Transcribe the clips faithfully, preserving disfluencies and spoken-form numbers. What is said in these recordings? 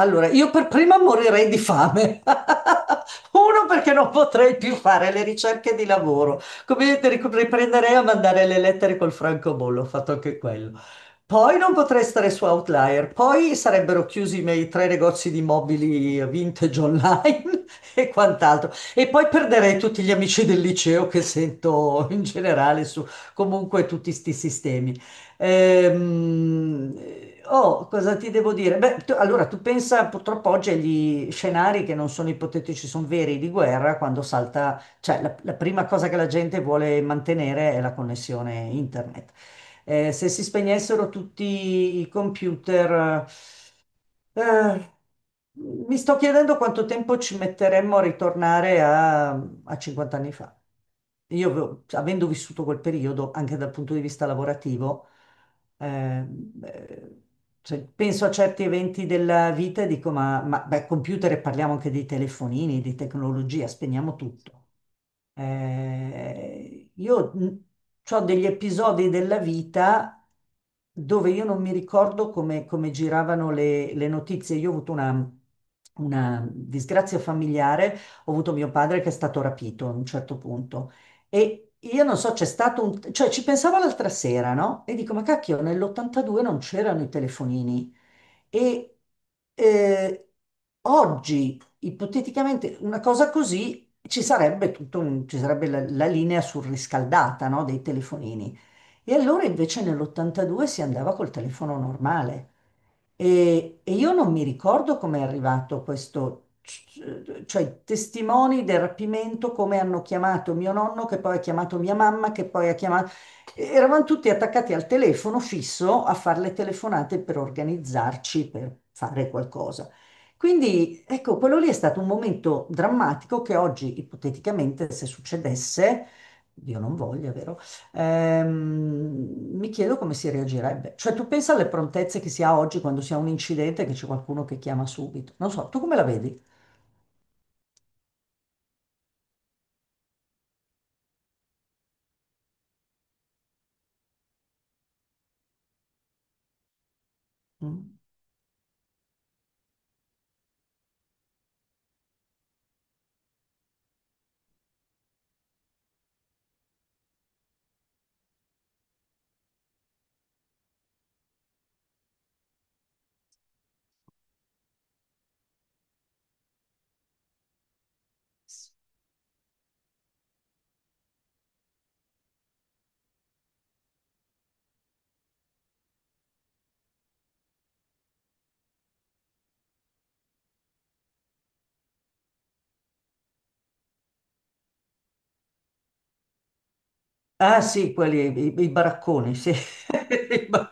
Allora, io per prima morirei di fame. Uno perché non potrei più fare le ricerche di lavoro. Come vedete, ric- riprenderei a mandare le lettere col francobollo, ho fatto anche quello. Poi non potrei stare su Outlier, poi sarebbero chiusi i miei tre negozi di mobili vintage online e quant'altro. E poi perderei tutti gli amici del liceo che sento in generale su comunque tutti sti sistemi. Ehm, oh, cosa ti devo dire? Beh, tu- allora tu pensa purtroppo oggi agli scenari che non sono ipotetici, sono veri di guerra quando salta, cioè la la prima cosa che la gente vuole mantenere è la connessione internet. Eh, se si spegnessero tutti i computer, eh, mi sto chiedendo quanto tempo ci metteremmo a ritornare a, a cinquanta anni fa. Io, avevo- avendo vissuto quel periodo, anche dal punto di vista lavorativo, eh, eh, cioè, penso a certi eventi della vita e dico, ma, ma beh, computer e parliamo anche dei telefonini, di tecnologia, spegniamo tutto. Eh, io ho degli episodi della vita dove io non mi ricordo come, come giravano le, le notizie. Io ho avuto una, una disgrazia familiare, ho avuto mio padre che è stato rapito a un certo punto e io non so, c'è stato un, cioè ci pensavo l'altra sera, no? E dico, ma cacchio, nell'ottantadue non c'erano i telefonini e eh, oggi, ipoteticamente, una cosa così ci sarebbe tutto un- ci sarebbe la, la linea surriscaldata, no, dei telefonini. E allora invece nell'ottantadue si andava col telefono normale. E, e io non mi ricordo come è arrivato questo, cioè i testimoni del rapimento, come hanno chiamato mio nonno, che poi ha chiamato mia mamma, che poi ha chiamato... Eravamo tutti attaccati al telefono fisso a fare le telefonate per organizzarci, per fare qualcosa. Quindi, ecco, quello lì è stato un momento drammatico che oggi, ipoteticamente, se succedesse, Dio non voglia, vero? Ehm, mi chiedo come si reagirebbe. Cioè, tu pensa alle prontezze che si ha oggi quando si ha un incidente che c'è qualcuno che chiama subito. Non so, tu come la vedi? Mm. Ah, sì, quelli, i, i baracconi, sì. I bar-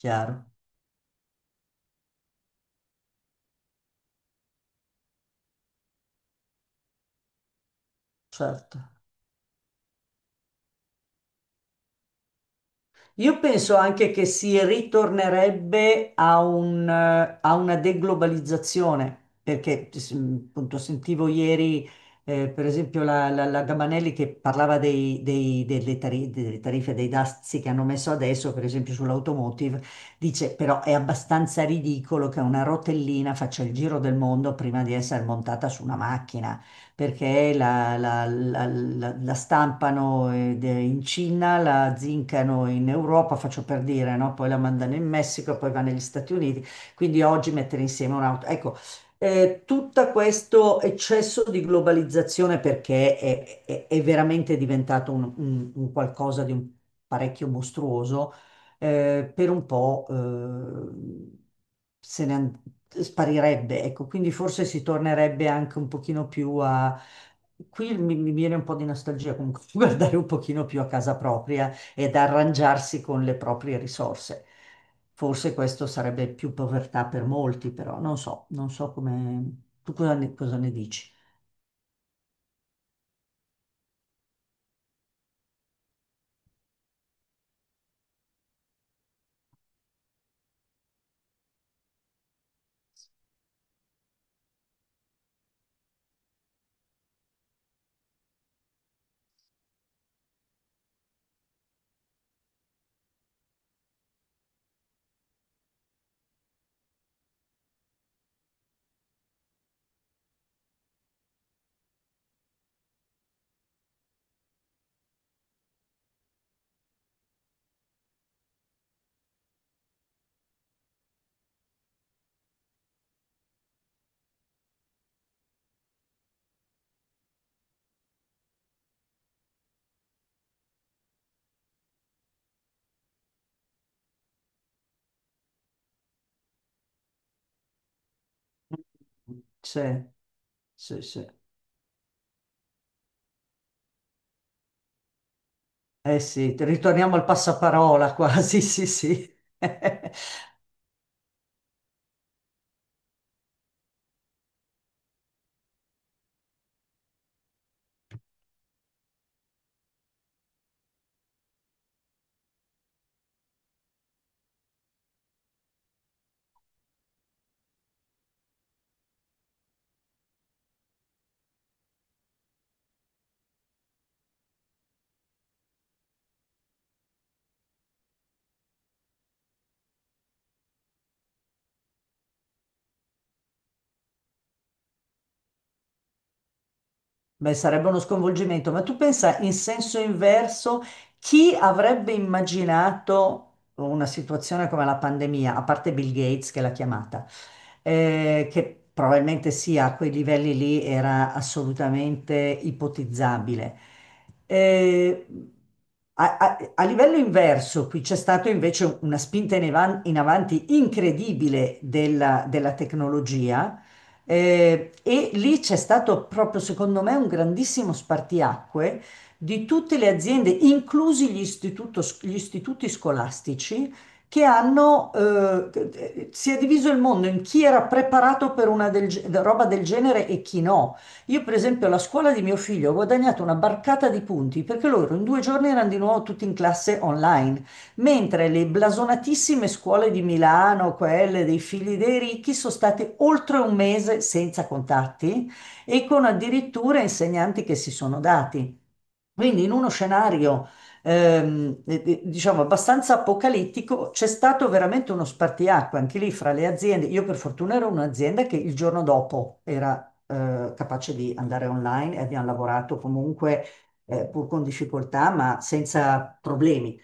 Chiaro, certo. Io penso anche che si ritornerebbe a, un, eh, a una deglobalizzazione, perché s- mm, appunto sentivo ieri, eh, per esempio, la, la- la Gabanelli che parlava dei- dei- delle, tari- delle tariffe, dei dazi che hanno messo adesso, per esempio sull'automotive, dice però è abbastanza ridicolo che una rotellina faccia il giro del mondo prima di essere montata su una macchina perché la, la- la- la- la stampano eh, de- in Cina, la zincano in Europa, faccio per dire, no? Poi la mandano in Messico, poi va negli Stati Uniti. Quindi oggi mettere insieme un'auto. Ecco, eh, tutto questo eccesso di globalizzazione perché è, è- è veramente diventato un, un- un qualcosa di un parecchio mostruoso eh, per un po' eh, se ne an- sparirebbe, ecco, quindi forse si tornerebbe anche un pochino più a... Qui mi, mi viene un po' di nostalgia comunque guardare un pochino più a casa propria ed arrangiarsi con le proprie risorse. Forse questo sarebbe più povertà per molti, però non so, non so come... Tu cosa ne, cosa ne dici? Sì, sì, sì. Eh sì, ritorniamo al passaparola quasi, sì, sì. Beh, sarebbe uno sconvolgimento, ma tu pensa in senso inverso, chi avrebbe immaginato una situazione come la pandemia, a parte Bill Gates che l'ha chiamata, eh, che probabilmente sia a quei livelli lì era assolutamente ipotizzabile. Eh, a, a- a livello inverso, qui c'è stata invece una spinta in, evan- in avanti incredibile della della tecnologia eh, e lì c'è stato proprio, secondo me, un grandissimo spartiacque di tutte le aziende, inclusi gli, istituto- gli istituti scolastici, che hanno, eh, si è diviso il mondo in chi era preparato per una del ge- roba del genere e chi no. Io, per esempio, alla scuola di mio figlio ho guadagnato una barcata di punti perché loro in due giorni erano di nuovo tutti in classe online mentre le blasonatissime scuole di Milano, quelle dei figli dei ricchi, sono state oltre un mese senza contatti e con addirittura insegnanti che si sono dati. Quindi in uno scenario, ehm, eh, eh, diciamo, abbastanza apocalittico, c'è stato veramente uno spartiacque anche lì fra le aziende. Io per fortuna ero un'azienda che il giorno dopo era, eh, capace di andare online e abbiamo lavorato comunque, eh, pur con difficoltà, ma senza problemi.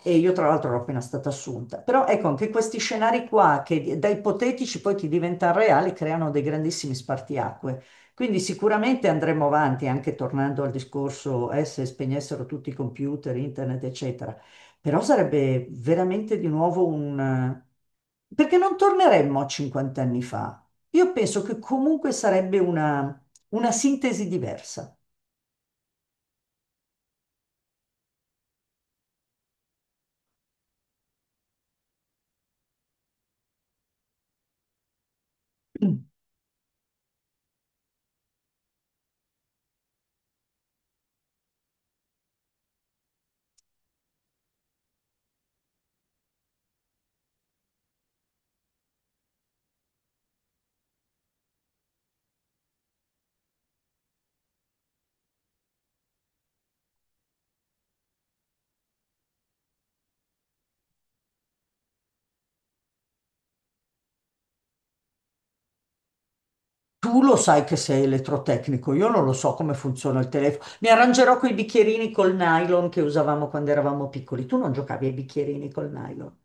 E io tra l'altro ero appena stata assunta. Però ecco, anche questi scenari qua, che da ipotetici poi ti diventano reali, creano dei grandissimi spartiacque. Quindi sicuramente andremo avanti, anche tornando al discorso, eh, se spegnessero tutti i computer, internet, eccetera. Però sarebbe veramente di nuovo un... Perché non torneremmo a cinquanta anni fa. Io penso che comunque sarebbe una, una sintesi diversa. Tu lo sai che sei elettrotecnico, io non lo so come funziona il telefono. Mi arrangerò con i bicchierini col nylon che usavamo quando eravamo piccoli. Tu non giocavi ai bicchierini col nylon.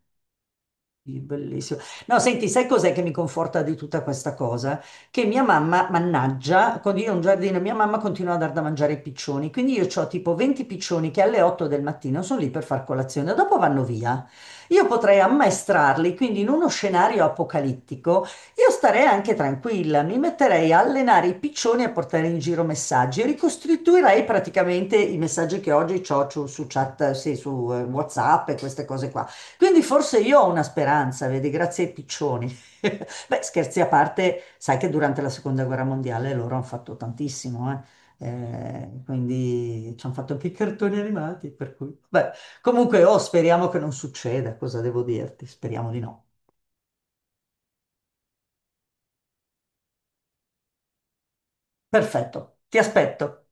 Sì, bellissimo. No, senti, sai cos'è che mi conforta di tutta questa cosa? Che mia mamma, mannaggia, quando io ho un giardino, mia mamma continua a dar da mangiare ai piccioni. Quindi io ho tipo venti piccioni che alle otto del mattino sono lì per far colazione, dopo vanno via. Io potrei ammaestrarli, quindi in uno scenario apocalittico, io starei anche tranquilla, mi metterei a allenare i piccioni e a portare in giro messaggi. Ricostituirei praticamente i messaggi che oggi ho su, su chat, sì, su eh, WhatsApp e queste cose qua. Quindi forse io ho una speranza, vedi, grazie ai piccioni. Beh, scherzi a parte, sai che durante la seconda guerra mondiale loro hanno fatto tantissimo, eh. Eh, quindi ci hanno fatto anche i cartoni animati, per cui... Beh, comunque, oh, speriamo che non succeda, cosa devo dirti? Speriamo di no. Perfetto, ti aspetto.